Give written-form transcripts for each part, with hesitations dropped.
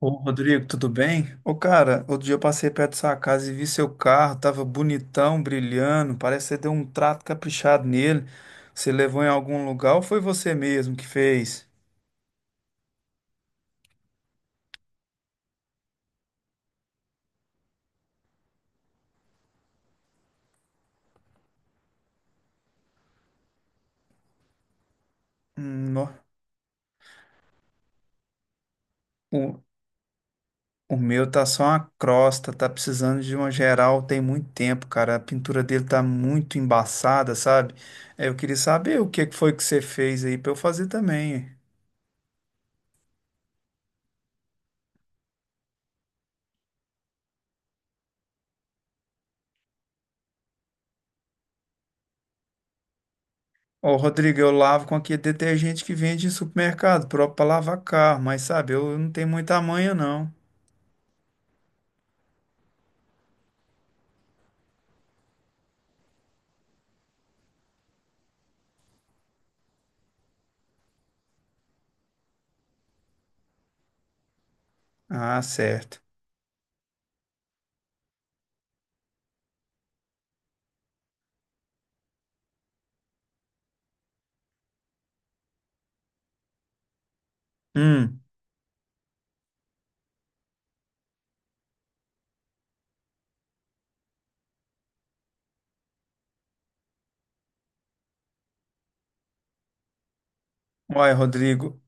Ô, Rodrigo, tudo bem? Ô, cara, outro dia eu passei perto da sua casa e vi seu carro, tava bonitão, brilhando, parece que você deu um trato caprichado nele. Você levou em algum lugar ou foi você mesmo que fez? Hum, nó- o, o meu tá só uma crosta, tá precisando de uma geral tem muito tempo, cara. A pintura dele tá muito embaçada, sabe? É, eu queria saber o que que foi que você fez aí pra eu fazer também. Ó, Rodrigo, eu lavo com aquele detergente que vende em supermercado, próprio para lavar carro, mas sabe, eu não tenho muita manha, não. Ah, certo. Hum, Olha, Rodrigo,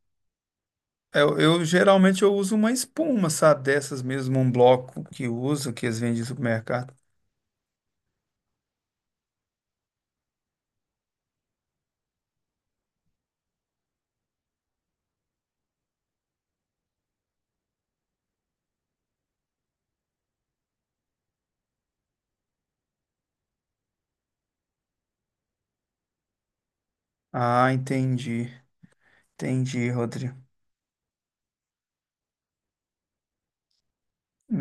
eu geralmente eu uso uma espuma, sabe, dessas mesmo, um bloco que uso, que eles vendem em supermercado. Ah, entendi, entendi, Rodrigo.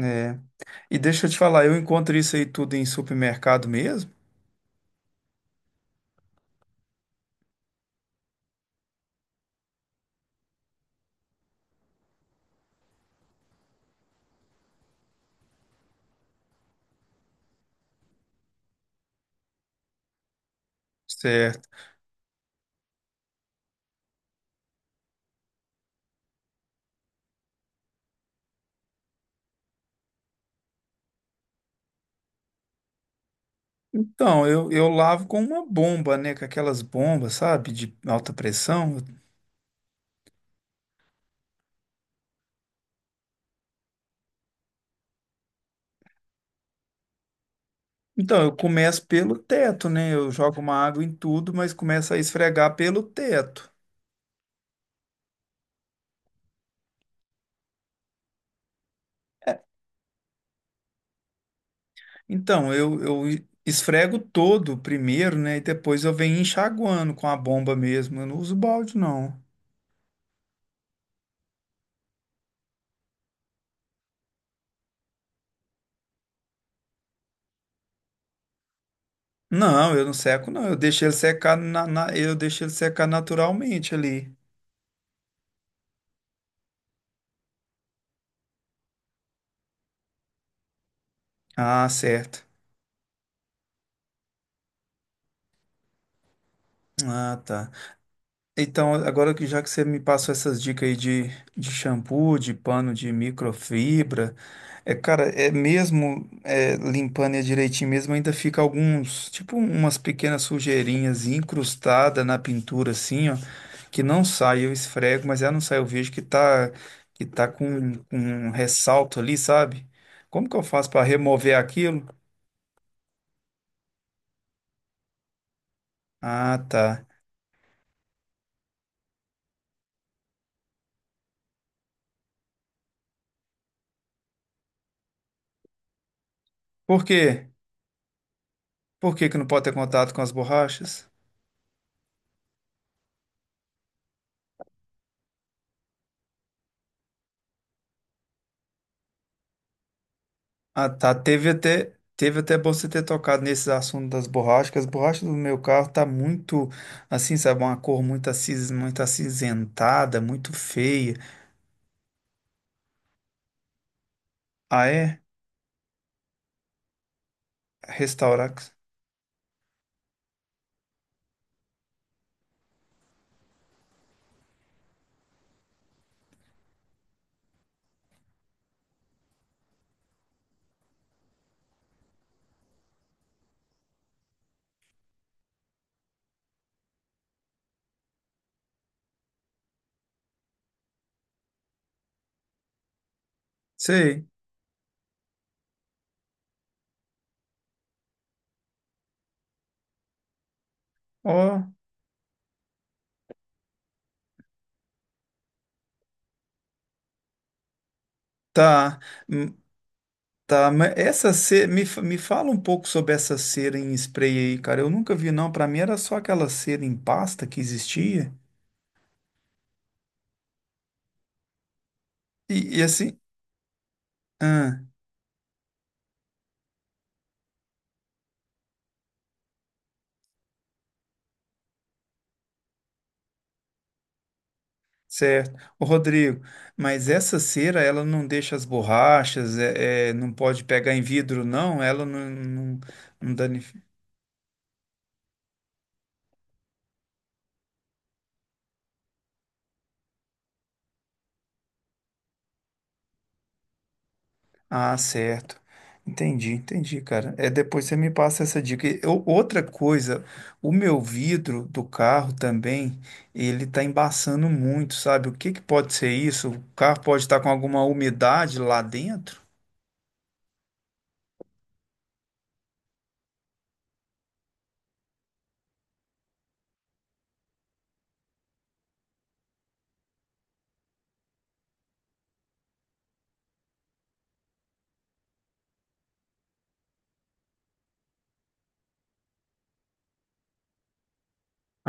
É. E deixa eu te falar, eu encontro isso aí tudo em supermercado mesmo? Certo. Então, eu lavo com uma bomba, né? Com aquelas bombas, sabe? De alta pressão. Eu. Então, eu começo pelo teto, né? Eu jogo uma água em tudo, mas começo a esfregar pelo teto. Então, eu esfrego todo primeiro, né? E depois eu venho enxaguando com a bomba mesmo. Eu não uso balde, não. Não, eu não seco, não. Eu deixo ele secar eu deixo ele secar naturalmente ali. Ah, certo. Ah, tá. Então, agora que já que você me passou essas dicas aí de shampoo, de pano de microfibra, é, cara, é mesmo é, limpando ele direitinho mesmo, ainda fica alguns, tipo umas pequenas sujeirinhas incrustadas na pintura assim, ó, que não sai, eu esfrego, mas ela não sai, eu vejo que tá com um ressalto ali, sabe? Como que eu faço para remover aquilo? Ah, tá. Por quê? Por que que não pode ter contato com as borrachas? Ah, tá. Teve até bom você ter tocado nesse assunto das borrachas. Que as borrachas do meu carro tá muito, assim, sabe, uma cor muito, acis, muito acinzentada, muito feia. Ah, é? Restaurar. Sei. Ó, tá. Hum. Tá, mas essa cera, me fala um pouco sobre essa cera em spray aí, cara. Eu nunca vi, não. Pra mim era só aquela cera em pasta que existia. E assim, certo. Ô, Rodrigo, mas essa cera, ela não deixa as borrachas, não pode pegar em vidro, não? Ela não danifica. Ah, certo. Entendi, entendi, cara. É, depois você me passa essa dica. E eu- outra coisa, o meu vidro do carro também, ele tá embaçando muito, sabe? O que que pode ser isso? O carro pode estar com alguma umidade lá dentro?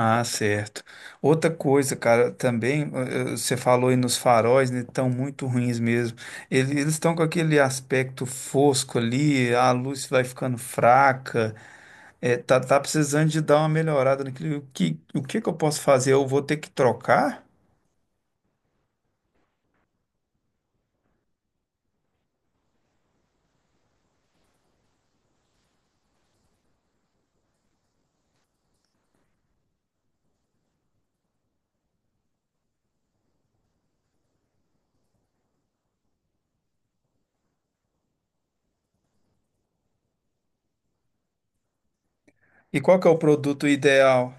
Ah, certo. Outra coisa, cara, também, você falou aí nos faróis, né, estão muito ruins mesmo. Ele- Eles estão com aquele aspecto fosco ali, a luz vai ficando fraca, tá, tá precisando de dar uma melhorada naquilo. O que que eu posso fazer? Eu vou ter que trocar? E qual que é o produto ideal?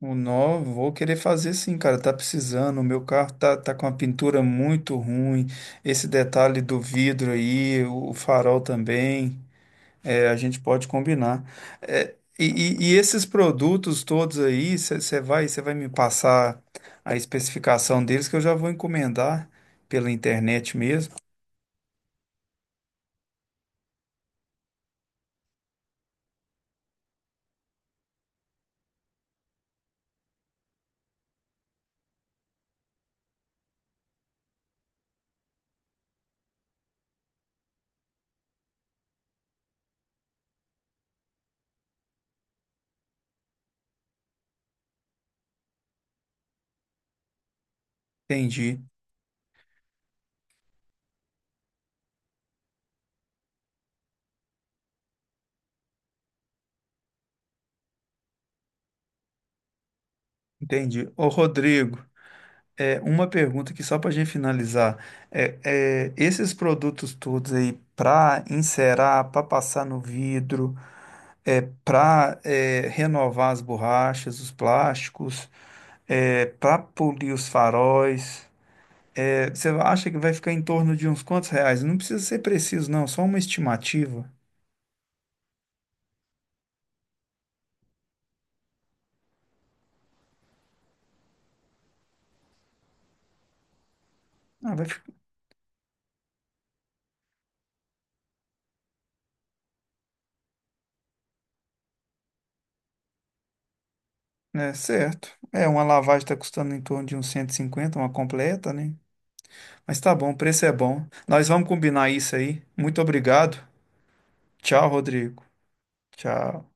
O novo, vou querer fazer sim, cara, tá precisando. O meu carro tá, tá com a pintura muito ruim, esse detalhe do vidro aí, o farol também. É, a gente pode combinar. É, e, e esses produtos todos aí, você vai me passar a especificação deles que eu já vou encomendar pela internet mesmo. Entendi, entendi. Ô, Rodrigo, é, uma pergunta aqui só para a gente finalizar. É, esses produtos todos aí para encerar, para passar no vidro, é, para renovar as borrachas, os plásticos, é, para polir os faróis. É, você acha que vai ficar em torno de uns quantos reais? Não precisa ser preciso, não, só uma estimativa. Ah, vai ficar, é, certo. É, uma lavagem está custando em torno de uns 150, uma completa, né? Mas tá bom, o preço é bom. Nós vamos combinar isso aí. Muito obrigado. Tchau, Rodrigo. Tchau.